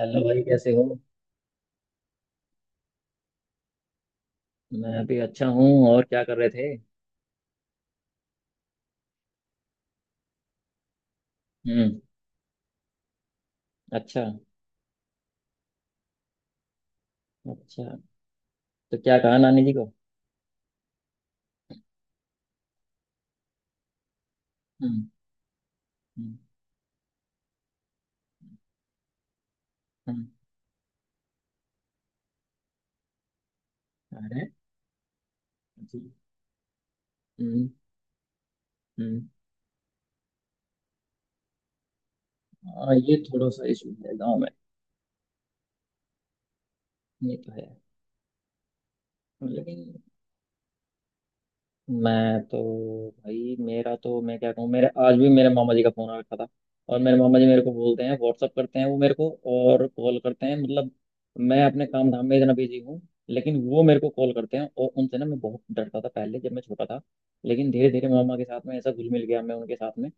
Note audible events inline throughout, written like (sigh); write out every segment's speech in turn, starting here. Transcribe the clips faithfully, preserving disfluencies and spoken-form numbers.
Hello भाई, कैसे हो? मैं भी अच्छा हूँ। और क्या कर रहे थे? हम्म। अच्छा। अच्छा, तो क्या कहा नानी जी को? हम्म। हम्म। हम्म, अरे जी। हम्म। हम्म। हाँ, ये थोड़ा सा इशू है गांव में। ये तो है, लेकिन मैं तो भाई, मेरा तो मैं क्या कहूँ, मेरे आज भी मेरे मामा जी का फोन आ रखा था। और मेरे मामा जी मेरे को बोलते हैं, व्हाट्सअप करते हैं वो मेरे को। और कॉल करते हैं, मतलब मैं अपने काम धाम में इतना बिजी हूँ, लेकिन वो मेरे को कॉल करते हैं। और उनसे ना मैं बहुत डरता था पहले, जब मैं छोटा था। लेकिन धीरे धीरे मामा के साथ में ऐसा घुल मिल गया मैं उनके साथ में,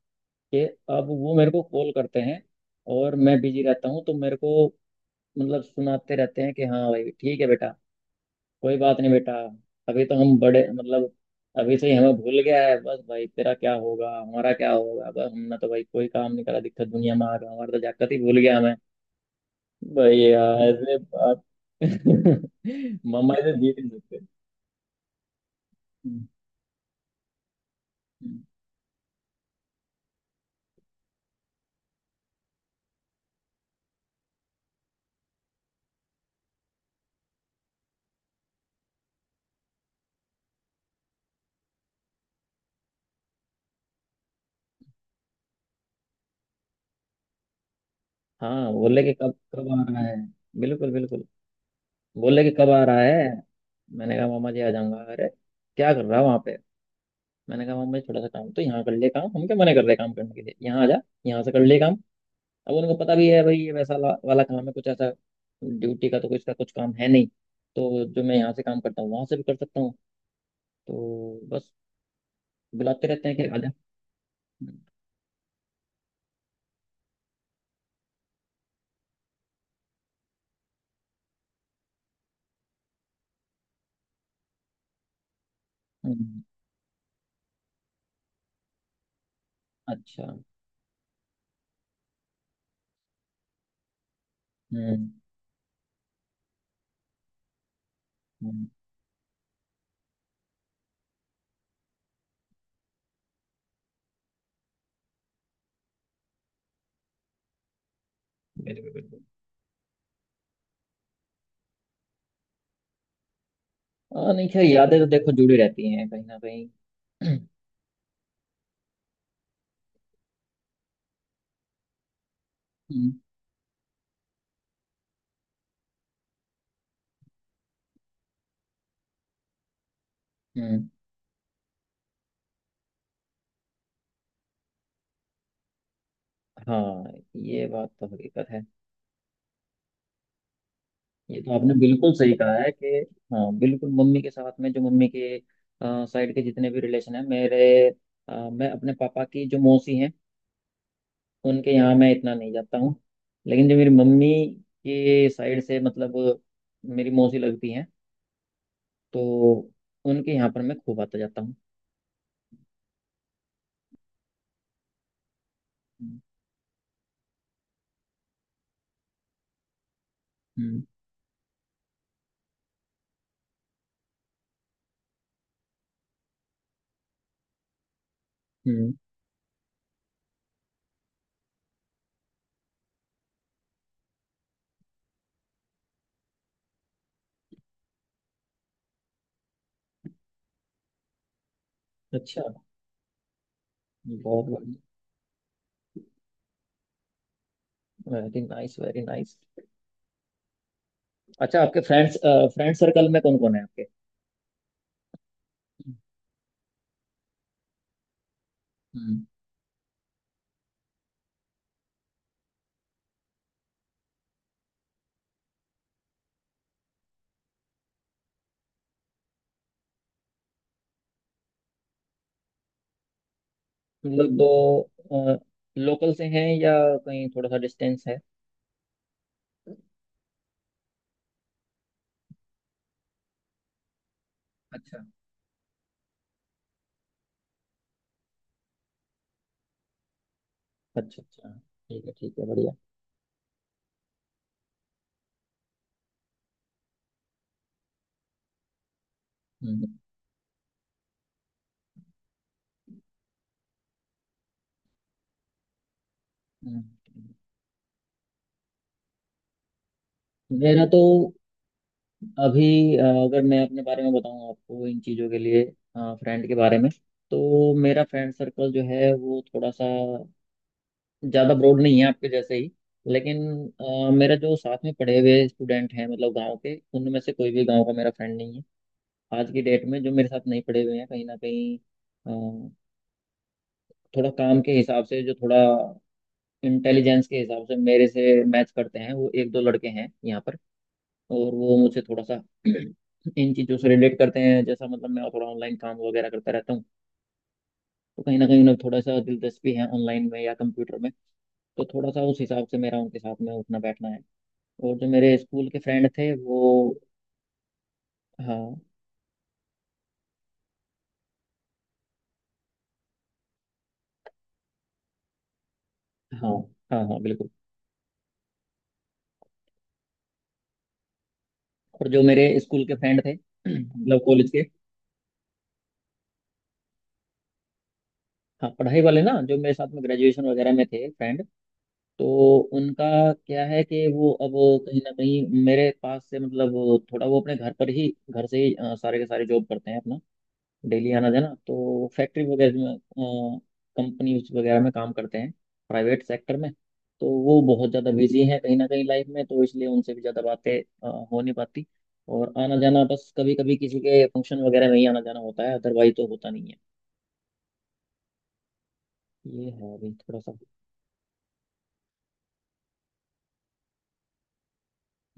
कि अब वो मेरे को कॉल करते हैं। और मैं बिजी रहता हूँ तो मेरे को मतलब सुनाते रहते हैं कि हाँ भाई, ठीक है बेटा, कोई बात नहीं बेटा, अभी तो हम बड़े मतलब अभी से ही हमें भूल गया है। बस भाई, तेरा क्या होगा, हमारा क्या होगा, बस हमने तो भाई कोई काम नहीं करा, दिक्कत दुनिया में आ गया, हमारा तो जाकर ही भूल गया हमें। भाई यार, ऐसे बात। (laughs) मम्मा से जीत नहीं सकते। हम्म। हाँ, बोले कि कब कब आ रहा है। बिल्कुल, बिल्कुल। बोले कि कब आ रहा है। मैंने कहा मामा जी आ जाऊंगा, अरे क्या कर रहा है वहां पे। मैंने कहा मामा जी, थोड़ा सा काम तो यहाँ कर ले। काम हम क्या मना कर रहे हैं काम करने के लिए? यहाँ आ जा, यहाँ से कर ले काम। अब उनको पता भी है भाई, ये वैसा ला- वाला काम है कुछ ऐसा। ड्यूटी का तो कुछ का कुछ काम है नहीं। तो जो मैं यहाँ से काम करता हूँ वहां से भी कर सकता हूँ। तो बस बुलाते रहते हैं कि आ जा। हम्म, अच्छा। हम्म। हम्म, बिल्कुल बिल्कुल। हाँ, नहीं, खैर यादें तो देखो जुड़ी रहती हैं कहीं ना कहीं। हम्म। हम्म, हाँ ये बात तो हकीकत है। ये तो आपने बिल्कुल सही कहा है कि हाँ, बिल्कुल मम्मी के साथ में, जो मम्मी के साइड के जितने भी रिलेशन है मेरे, अ, मैं अपने पापा की जो मौसी हैं उनके यहाँ मैं इतना नहीं जाता हूँ। लेकिन जो मेरी मम्मी के साइड से मतलब मेरी मौसी लगती हैं, तो उनके यहाँ पर मैं खूब आता जाता हूँ। हम्म। हम्म। हम्म। अच्छा, बहुत बढ़िया। Very nice, very nice. अच्छा, आपके फ्रेंड्स फ्रेंड सर्कल में कौन कौन है आपके? हम्म, मतलब दो लोकल से हैं या कहीं थोड़ा सा डिस्टेंस है? अच्छा, अच्छा। अच्छा, ठीक है, ठीक है, बढ़िया। हम्म। हम्म। मेरा तो अभी अ, अगर मैं अपने बारे में बताऊं आपको, इन चीज़ों के लिए, फ्रेंड के बारे में, तो मेरा फ्रेंड सर्कल जो है वो थोड़ा सा ज़्यादा ब्रॉड नहीं है, आपके जैसे ही। लेकिन अ, मेरा जो साथ में पढ़े हुए स्टूडेंट हैं, मतलब गांव के, उनमें से कोई भी गांव का मेरा फ्रेंड नहीं है आज की डेट में, जो मेरे साथ नहीं पढ़े हुए हैं कहीं ना कहीं। अ, थोड़ा काम के हिसाब से, जो थोड़ा इंटेलिजेंस के हिसाब से मेरे से मैच करते हैं, वो एक दो लड़के हैं यहाँ पर। और वो मुझसे थोड़ा सा इन चीज़ों से रिलेट करते हैं। जैसा मतलब मैं थोड़ा ऑनलाइन काम वगैरह करता रहता हूँ, तो कहीं ना कहीं उन्हें थोड़ा सा दिलचस्पी है ऑनलाइन में या कंप्यूटर में। तो थोड़ा सा उस हिसाब से मेरा उनके साथ में उठना बैठना है। और जो मेरे स्कूल के फ्रेंड थे वो, हाँ, हाँ, हाँ, हाँ बिल्कुल, और जो मेरे स्कूल के फ्रेंड थे (clears throat) मतलब कॉलेज के, हाँ, पढ़ाई वाले ना, जो मेरे साथ में ग्रेजुएशन वगैरह में थे फ्रेंड, तो उनका क्या है कि वो अब कहीं ना कहीं मेरे पास से मतलब थोड़ा वो अपने घर पर ही, घर से ही अ, सारे के सारे जॉब करते हैं अपना। डेली आना जाना तो फैक्ट्री वगैरह में, कंपनीज वगैरह में काम करते हैं, प्राइवेट सेक्टर में। तो वो बहुत ज़्यादा बिजी हैं कहीं ना कहीं लाइफ में, तो इसलिए उनसे भी ज़्यादा बातें अ, हो नहीं पाती। और आना जाना बस कभी कभी किसी के फंक्शन वगैरह में ही आना जाना होता है, अदरवाइज तो होता नहीं है। ये है अभी थोड़ा सा।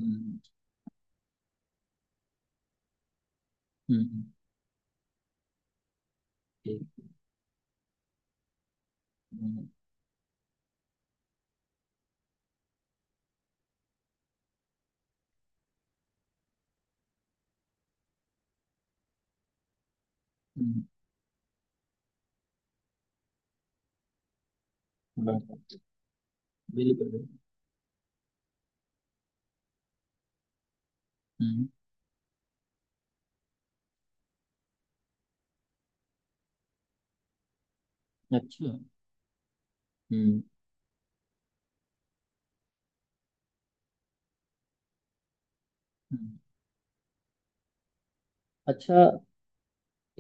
हम्म। हम्म, ठीक। हम्म। हम्म, बराबर। बिल्कुल बिल्कुल। हम्म, अच्छा। हम्म। हम्म। अच्छा,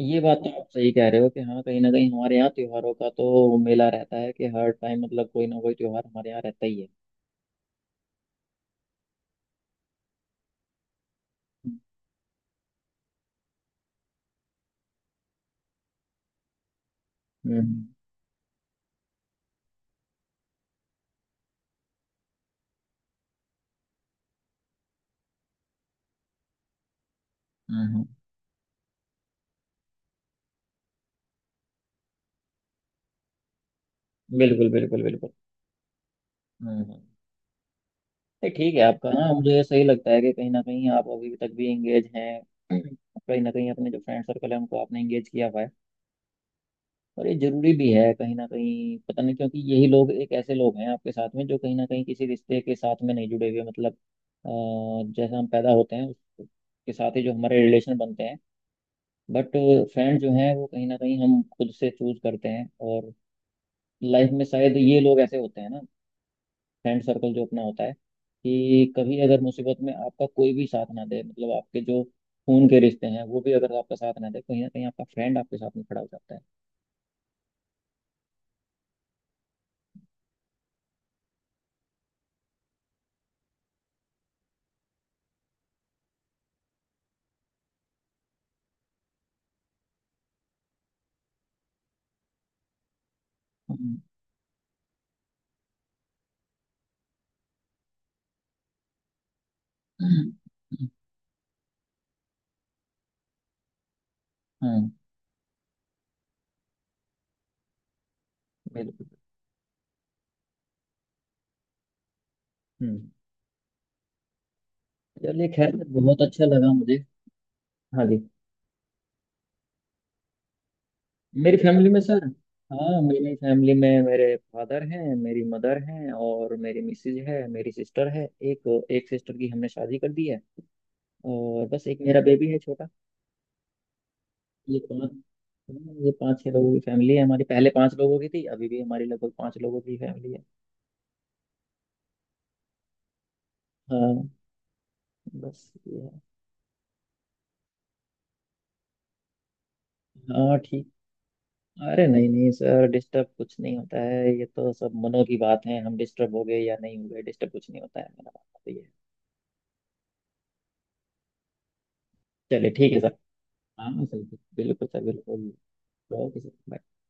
ये बात तो आप सही कह रहे हो कि हाँ, कहीं ना कहीं हमारे यहाँ त्योहारों का तो मेला रहता है कि हर टाइम मतलब कोई ना कोई त्योहार हमारे यहाँ रहता ही है। हम्म। हम्म। हम्म। बिल्कुल, बिल्कुल, बिल्कुल। हम्म। हम्म। नहीं, ठीक है आपका, हाँ, मुझे सही लगता है कि कहीं ना कहीं आप अभी तक भी एंगेज हैं, कहीं ना कहीं अपने जो फ्रेंड सर्कल है उनको आपने एंगेज किया हुआ है। और ये जरूरी भी है कहीं ना कहीं, पता नहीं, क्योंकि यही लोग एक ऐसे लोग हैं आपके साथ में जो कहीं ना कहीं किसी रिश्ते के साथ में नहीं जुड़े हुए, मतलब अ, जैसा हम पैदा होते हैं उसके साथ ही जो हमारे रिलेशन बनते हैं, बट फ्रेंड जो हैं वो कहीं ना कहीं हम खुद से चूज करते हैं। और लाइफ में शायद ये लोग ऐसे होते हैं ना, फ्रेंड सर्कल जो अपना होता है कि कभी अगर मुसीबत में आपका कोई भी साथ ना दे, मतलब आपके जो खून के रिश्ते हैं वो भी अगर आपका साथ ना दे, कहीं ना कहीं आपका फ्रेंड आपके साथ में खड़ा हो जाता है। हम्म। हम्म, बिल्कुल। हम्म, यार ये खैर बहुत अच्छा लगा मुझे। हाँ जी। मेरी फैमिली में सर, हाँ, मेरी फैमिली में मेरे फादर हैं, मेरी मदर हैं, और मेरी मिसेज है, मेरी सिस्टर है। एक एक सिस्टर की हमने शादी कर दी है। और बस एक मेरा बेबी है छोटा। ये पाँच ये पाँच छह लोगों की फैमिली है हमारी। पहले पाँच लोगों की थी, अभी भी हमारी लगभग पाँच लोगों की फैमिली है। हाँ बस ये है। हाँ, ठीक। अरे नहीं नहीं सर, डिस्टर्ब कुछ नहीं होता है, ये तो सब मनो की बात है, हम डिस्टर्ब हो गए या नहीं हो गए, डिस्टर्ब कुछ नहीं होता है, मेरा बात तो ये है। चलिए ठीक है सर। हाँ सर। बिल्कुल सर, बिल्कुल। Okay sir, bye।